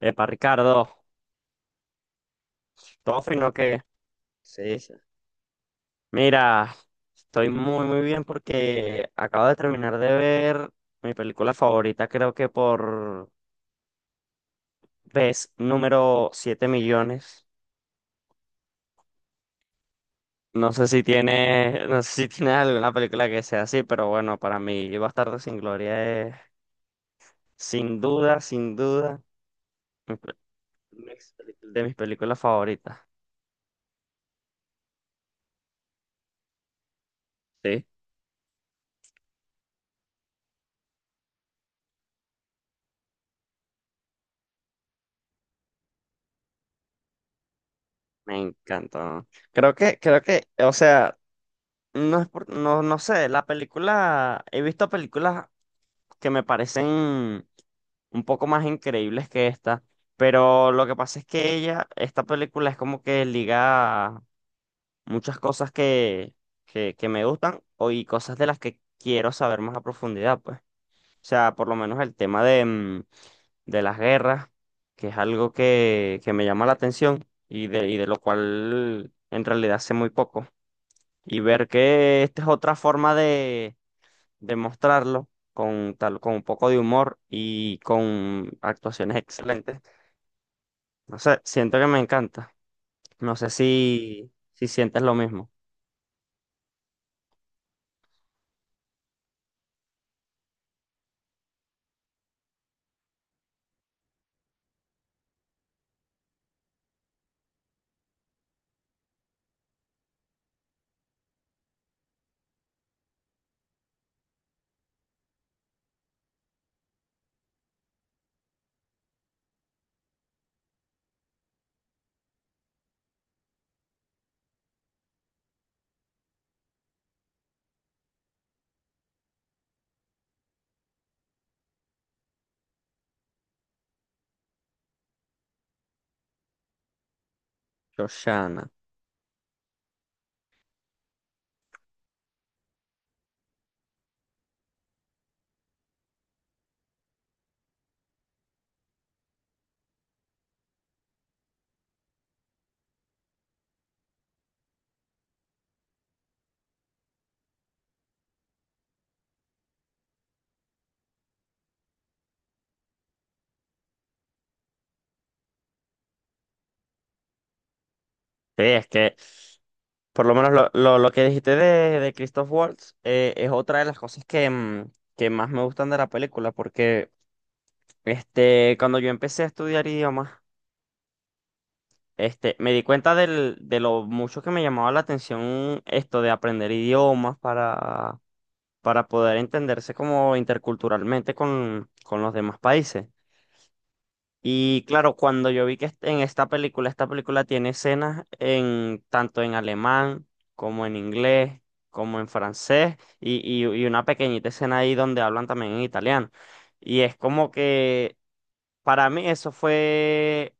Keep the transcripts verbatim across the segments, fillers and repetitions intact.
Epa, Ricardo, ¿todo fino que sí, sí? Mira, estoy muy, muy bien porque acabo de terminar de ver mi película favorita, creo que por vez número siete millones. No sé si tiene, no sé si tiene alguna película que sea así, pero bueno, para mí Bastardo sin Gloria es, sin duda, sin duda, mi pe- mis peli- de mis películas favoritas. Sí. Me encantó. Creo que, creo que, o sea. No es por- no, no sé, la película, he visto películas que me parecen un poco más increíbles que esta, pero lo que pasa es que ella, esta película es como que liga muchas cosas que, que, que me gustan o, y cosas de las que quiero saber más a profundidad, pues. O sea, por lo menos el tema de, mm, de las guerras, que es algo que, que me llama la atención y de, y de lo cual en realidad sé muy poco. Y ver que esta es otra forma de demostrarlo con tal, con un poco de humor y con actuaciones excelentes. No sé, siento que me encanta. No sé si, si sientes lo mismo. Shoshana. Sí, es que por lo menos lo, lo, lo que dijiste de, de Christoph Waltz eh, es otra de las cosas que, mm, que más me gustan de la película, porque este, cuando yo empecé a estudiar idiomas, este, me di cuenta del, de lo mucho que me llamaba la atención esto de aprender idiomas para, para poder entenderse como interculturalmente con, con los demás países. Y claro, cuando yo vi que est- en esta película, esta película tiene escenas en tanto en alemán como en inglés, como en francés, y, y, y una pequeñita escena ahí donde hablan también en italiano. Y es como que para mí eso fue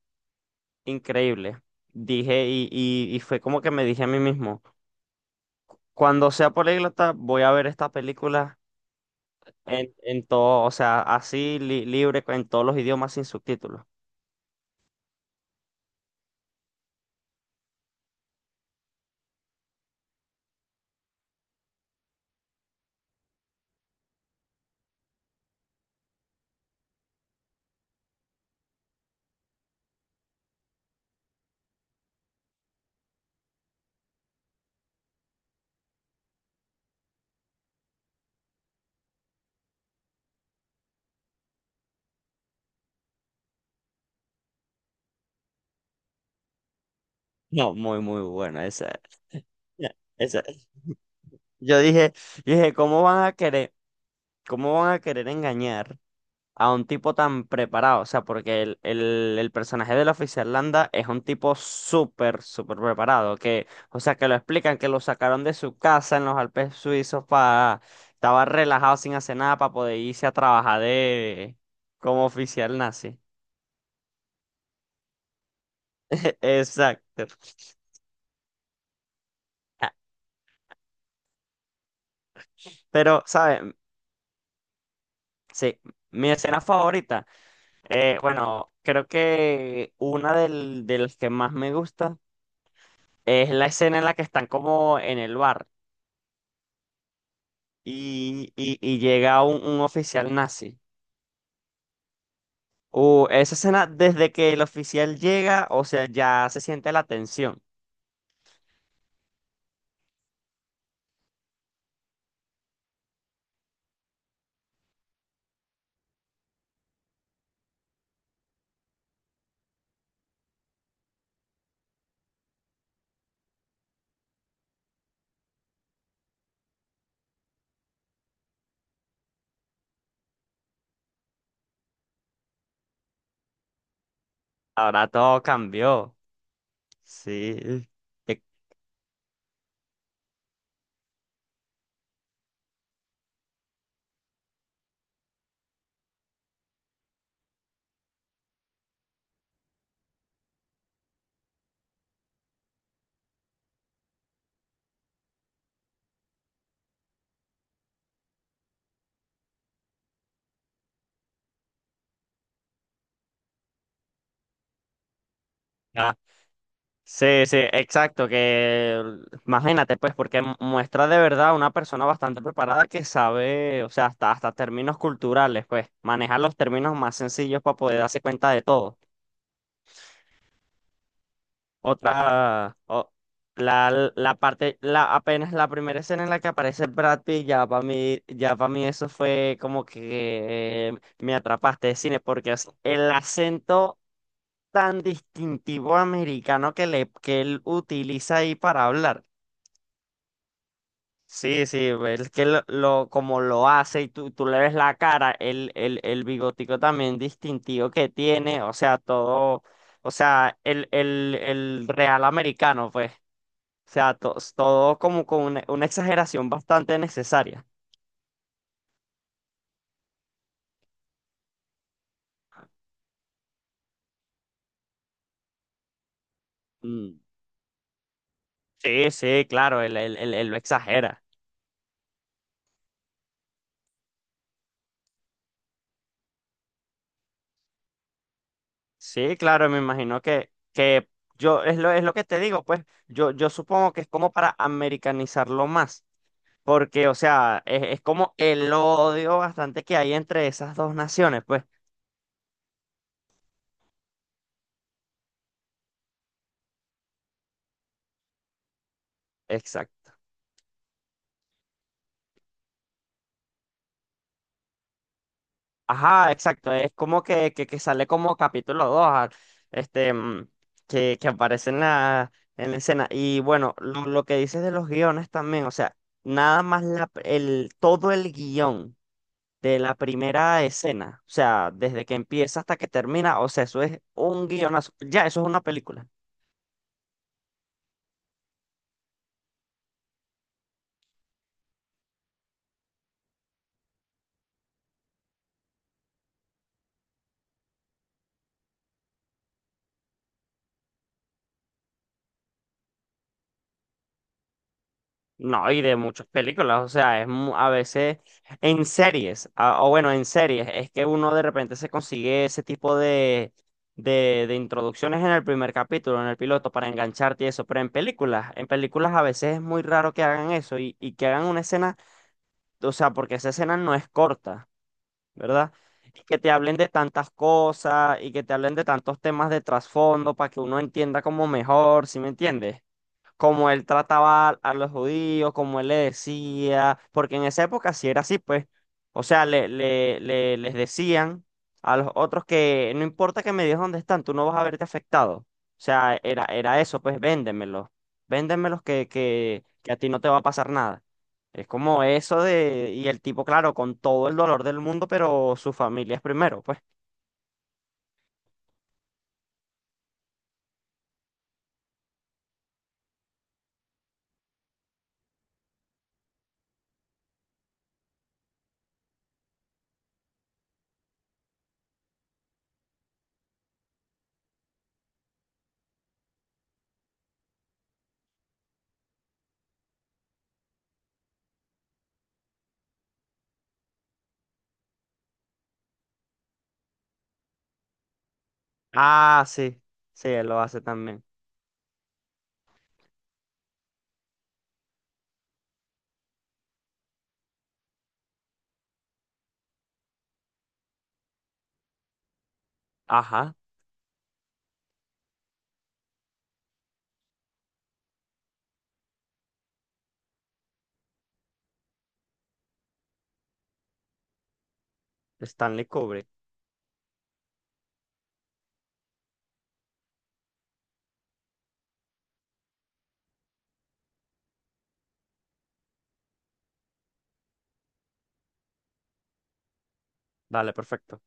increíble. Dije, y, y, y fue como que me dije a mí mismo, cuando sea políglota, voy a ver esta película en, en todo, o sea, así li- libre en todos los idiomas sin subtítulos. No, muy, muy buena esa, esa. Yo dije, yo dije, ¿cómo van a querer, cómo van a querer engañar a un tipo tan preparado? O sea, porque el, el, el personaje de la oficial Landa es un tipo súper, súper preparado. Que, o sea, que lo explican, que lo sacaron de su casa en los Alpes suizos para, estaba relajado sin hacer nada para poder irse a trabajar de como oficial nazi. Exacto. Pero, ¿sabes? Sí, mi escena favorita, eh, bueno, creo que una del- de las que más me gusta es la escena en la que están como en el bar y, y- y llega un, un oficial nazi. Uh, esa escena, desde que el oficial llega, o sea, ya se siente la tensión. Ahora todo cambió. Sí. Sí, sí, exacto, que imagínate pues, porque mu- muestra de verdad una persona bastante preparada que sabe, o sea, hasta, hasta términos culturales, pues, manejar los términos más sencillos para poder darse cuenta de todo. Otra, o- la, la parte, la, apenas la primera escena en la que aparece Brad Pitt, ya para mí, ya para mí eso fue como que eh, me atrapaste de cine, porque es el acento tan distintivo americano que, le, que él utiliza ahí para hablar. Sí, sí, es que lo, lo- como lo hace y tú, tú le ves la cara, el, el, el bigotico también distintivo que tiene, o sea, todo, o sea, el, el, el real americano, pues, o sea, to- todo como con una, una exageración bastante necesaria. Mm. Sí, sí, claro, él, él, él- él lo exagera. Sí, claro, me imagino que, que yo, es lo, es lo que te digo, pues, yo, yo supongo que es como para americanizarlo más. Porque, o sea, es, es como el odio bastante que hay entre esas dos naciones, pues. Exacto. Ajá, exacto. Es como que, que, que sale como capítulo dos este, mm, que, que aparece en la, en la escena. Y bueno, lo, lo que dices de los guiones también, o sea, nada más la, el, todo el guión de la primera escena, o sea, desde que empieza hasta que termina, o sea, eso es un guionazo. Ya, eso es una película. No, y de muchas películas, o sea, es mu- a veces en series, a- o bueno, en series, es que uno de repente se consigue ese tipo de, de, de introducciones en el primer capítulo, en el piloto, para engancharte y eso, pero en películas, en películas a veces es muy raro que hagan eso y, y que hagan una escena, o sea, porque esa escena no es corta, ¿verdad? Y que te hablen de tantas cosas y que te hablen de tantos temas de trasfondo para que uno entienda como mejor, ¿sí me entiendes? Cómo él trataba a los judíos, cómo él le decía, porque en esa época sí era así, pues, o sea, le, le, le- les decían a los otros que no importa que me digas dónde están, tú no vas a verte afectado. O sea, era, era eso, pues véndemelos, véndemelos que, que, que a ti no te va a pasar nada. Es como eso de, y el tipo, claro, con todo el dolor del mundo, pero su familia es primero, pues. Ah, sí, sí, él lo hace también. Ajá, Stanley Kubrick. Dale, perfecto.